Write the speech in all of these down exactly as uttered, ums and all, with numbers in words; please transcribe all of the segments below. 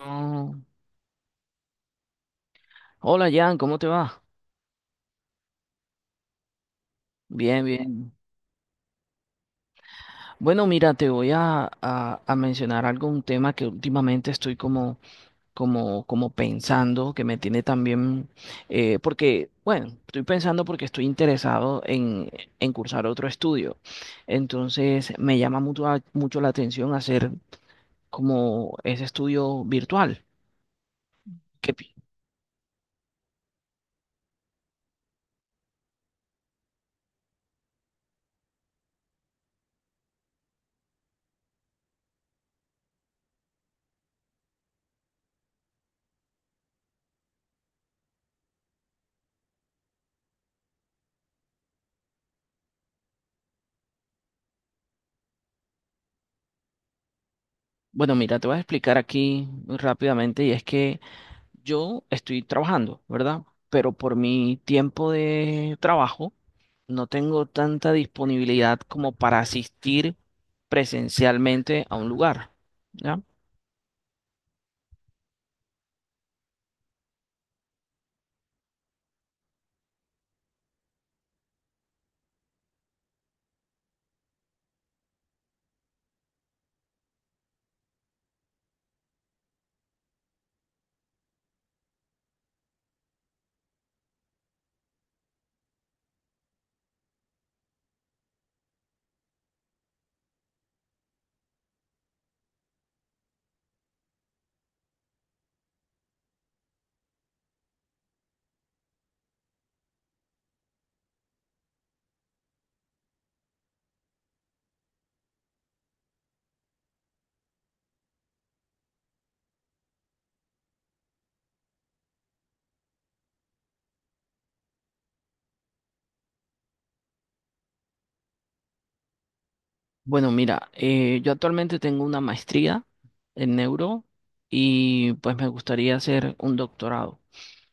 Oh, hola Jan, ¿cómo te va? Bien, bien. Bueno, mira, te voy a, a, a mencionar algo, un tema que últimamente estoy como, como, como pensando, que me tiene también, eh, porque, bueno, estoy pensando porque estoy interesado en, en cursar otro estudio. Entonces, me llama mucho, mucho la atención hacer como ese estudio virtual. que pi- bueno, mira, te voy a explicar aquí muy rápidamente y es que yo estoy trabajando, ¿verdad? Pero por mi tiempo de trabajo no tengo tanta disponibilidad como para asistir presencialmente a un lugar, ¿ya? Bueno, mira, eh, yo actualmente tengo una maestría en neuro y pues me gustaría hacer un doctorado.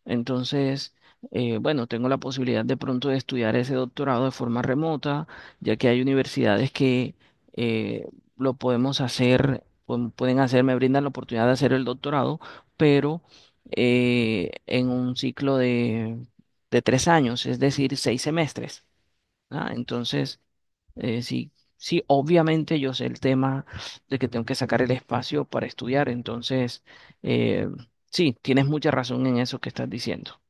Entonces, eh, bueno, tengo la posibilidad de pronto de estudiar ese doctorado de forma remota, ya que hay universidades que eh, lo podemos hacer, pueden pueden hacer, me brindan la oportunidad de hacer el doctorado, pero eh, en un ciclo de, de tres años, es decir, seis semestres, ¿ah? Entonces, eh, sí, sí, obviamente yo sé el tema de que tengo que sacar el espacio para estudiar, entonces, eh, sí, tienes mucha razón en eso que estás diciendo.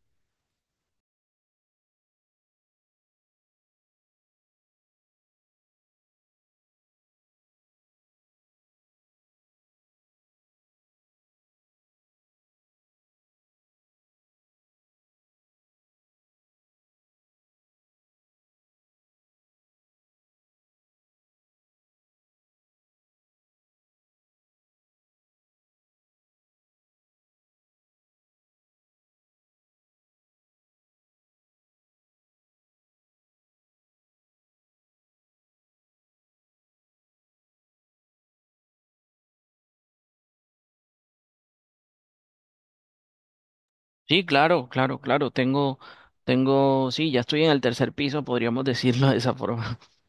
Sí, claro, claro, claro. Tengo, tengo, sí, ya estoy en el tercer piso, podríamos decirlo de esa forma.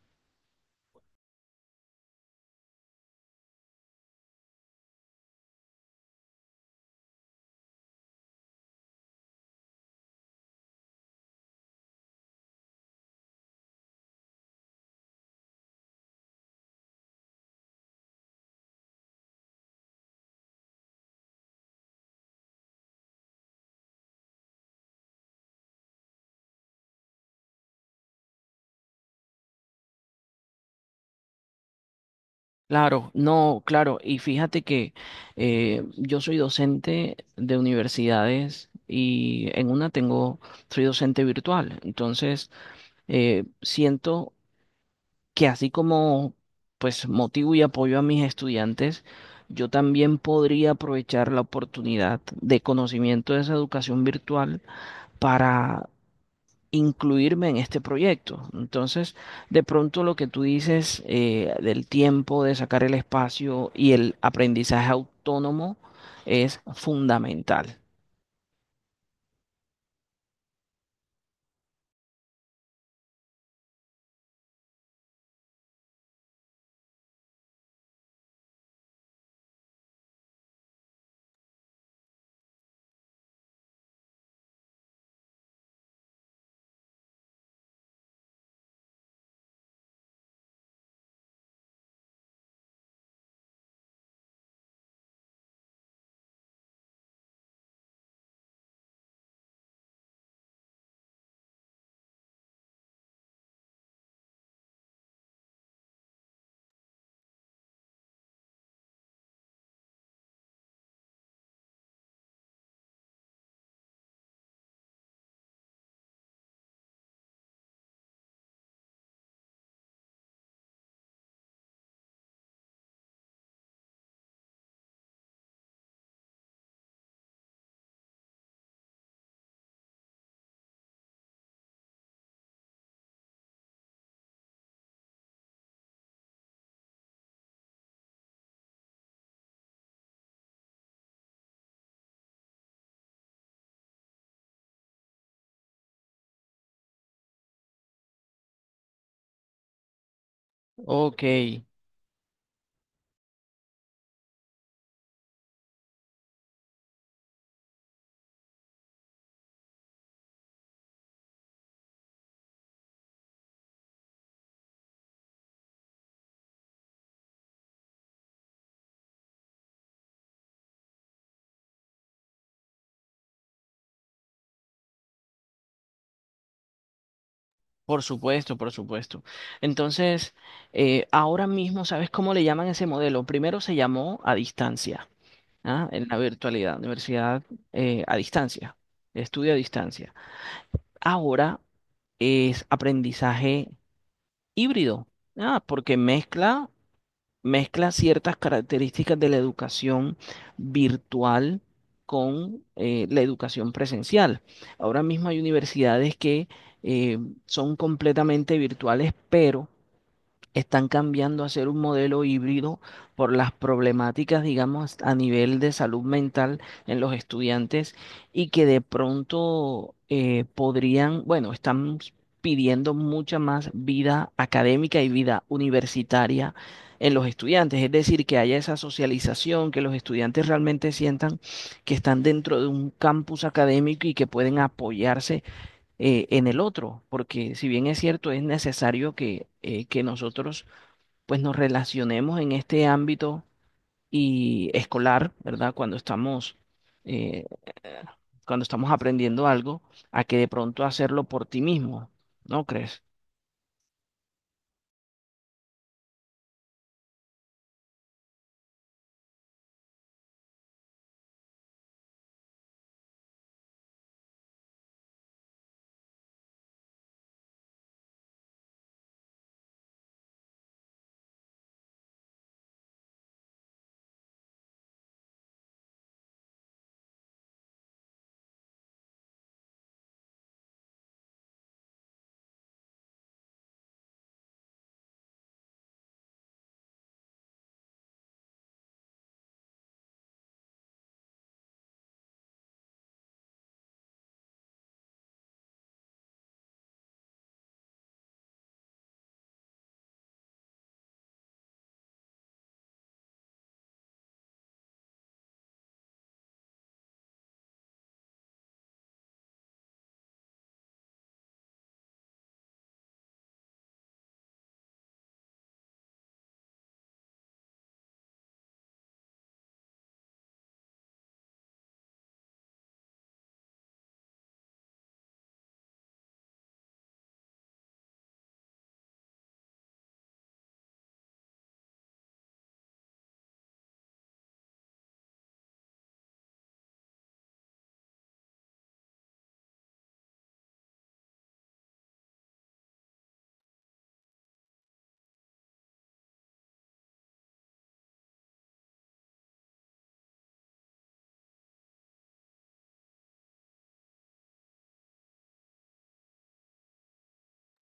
Claro, no, claro. Y fíjate que eh, yo soy docente de universidades y en una tengo, soy docente virtual. Entonces, eh, siento que así como pues motivo y apoyo a mis estudiantes, yo también podría aprovechar la oportunidad de conocimiento de esa educación virtual para incluirme en este proyecto. Entonces, de pronto lo que tú dices eh, del tiempo, de sacar el espacio y el aprendizaje autónomo es fundamental. Ok, por supuesto, por supuesto. Entonces, eh, ahora mismo, ¿sabes cómo le llaman ese modelo? Primero se llamó a distancia, ¿ah? En la virtualidad, universidad eh, a distancia, estudio a distancia. Ahora es aprendizaje híbrido, ah, porque mezcla mezcla ciertas características de la educación virtual con eh, la educación presencial. Ahora mismo hay universidades que eh, son completamente virtuales, pero están cambiando a ser un modelo híbrido por las problemáticas, digamos, a nivel de salud mental en los estudiantes y que de pronto eh, podrían, bueno, están pidiendo mucha más vida académica y vida universitaria en los estudiantes, es decir, que haya esa socialización, que los estudiantes realmente sientan que están dentro de un campus académico y que pueden apoyarse eh, en el otro, porque si bien es cierto, es necesario que, eh, que nosotros pues nos relacionemos en este ámbito y escolar, ¿verdad? Cuando estamos, eh, cuando estamos aprendiendo algo, a que de pronto hacerlo por ti mismo, ¿no crees?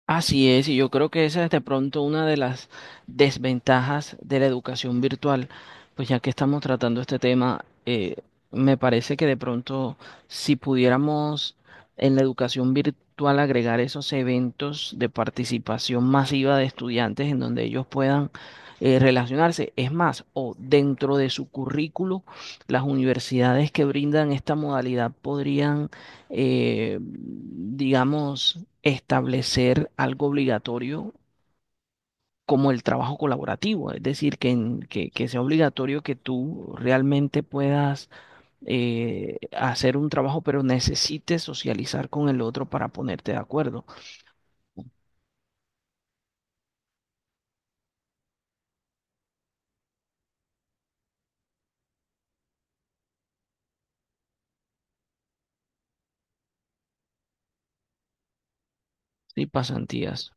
Así es, y yo creo que esa es de pronto una de las desventajas de la educación virtual, pues ya que estamos tratando este tema, eh, me parece que de pronto si pudiéramos en la educación virtual agregar esos eventos de participación masiva de estudiantes en donde ellos puedan eh, relacionarse, es más, o dentro de su currículo, las universidades que brindan esta modalidad podrían eh, digamos, establecer algo obligatorio como el trabajo colaborativo, es decir, que, en- que, que sea obligatorio que tú realmente puedas eh, hacer un trabajo, pero necesites socializar con el otro para ponerte de acuerdo. Sí, pasantías.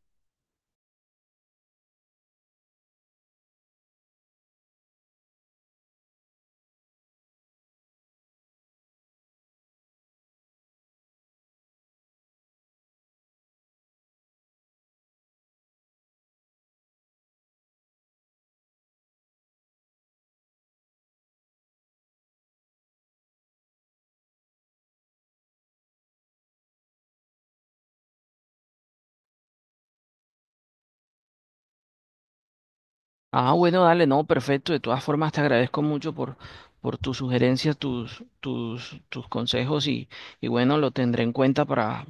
Ah, bueno, dale, no, perfecto. De todas formas, te agradezco mucho por, por tus sugerencias, tus, tus, tus consejos y, y bueno, lo tendré en cuenta para,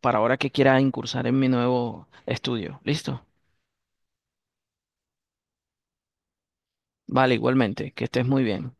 para ahora que quiera incursar en mi nuevo estudio. ¿Listo? Vale, igualmente, que estés muy bien.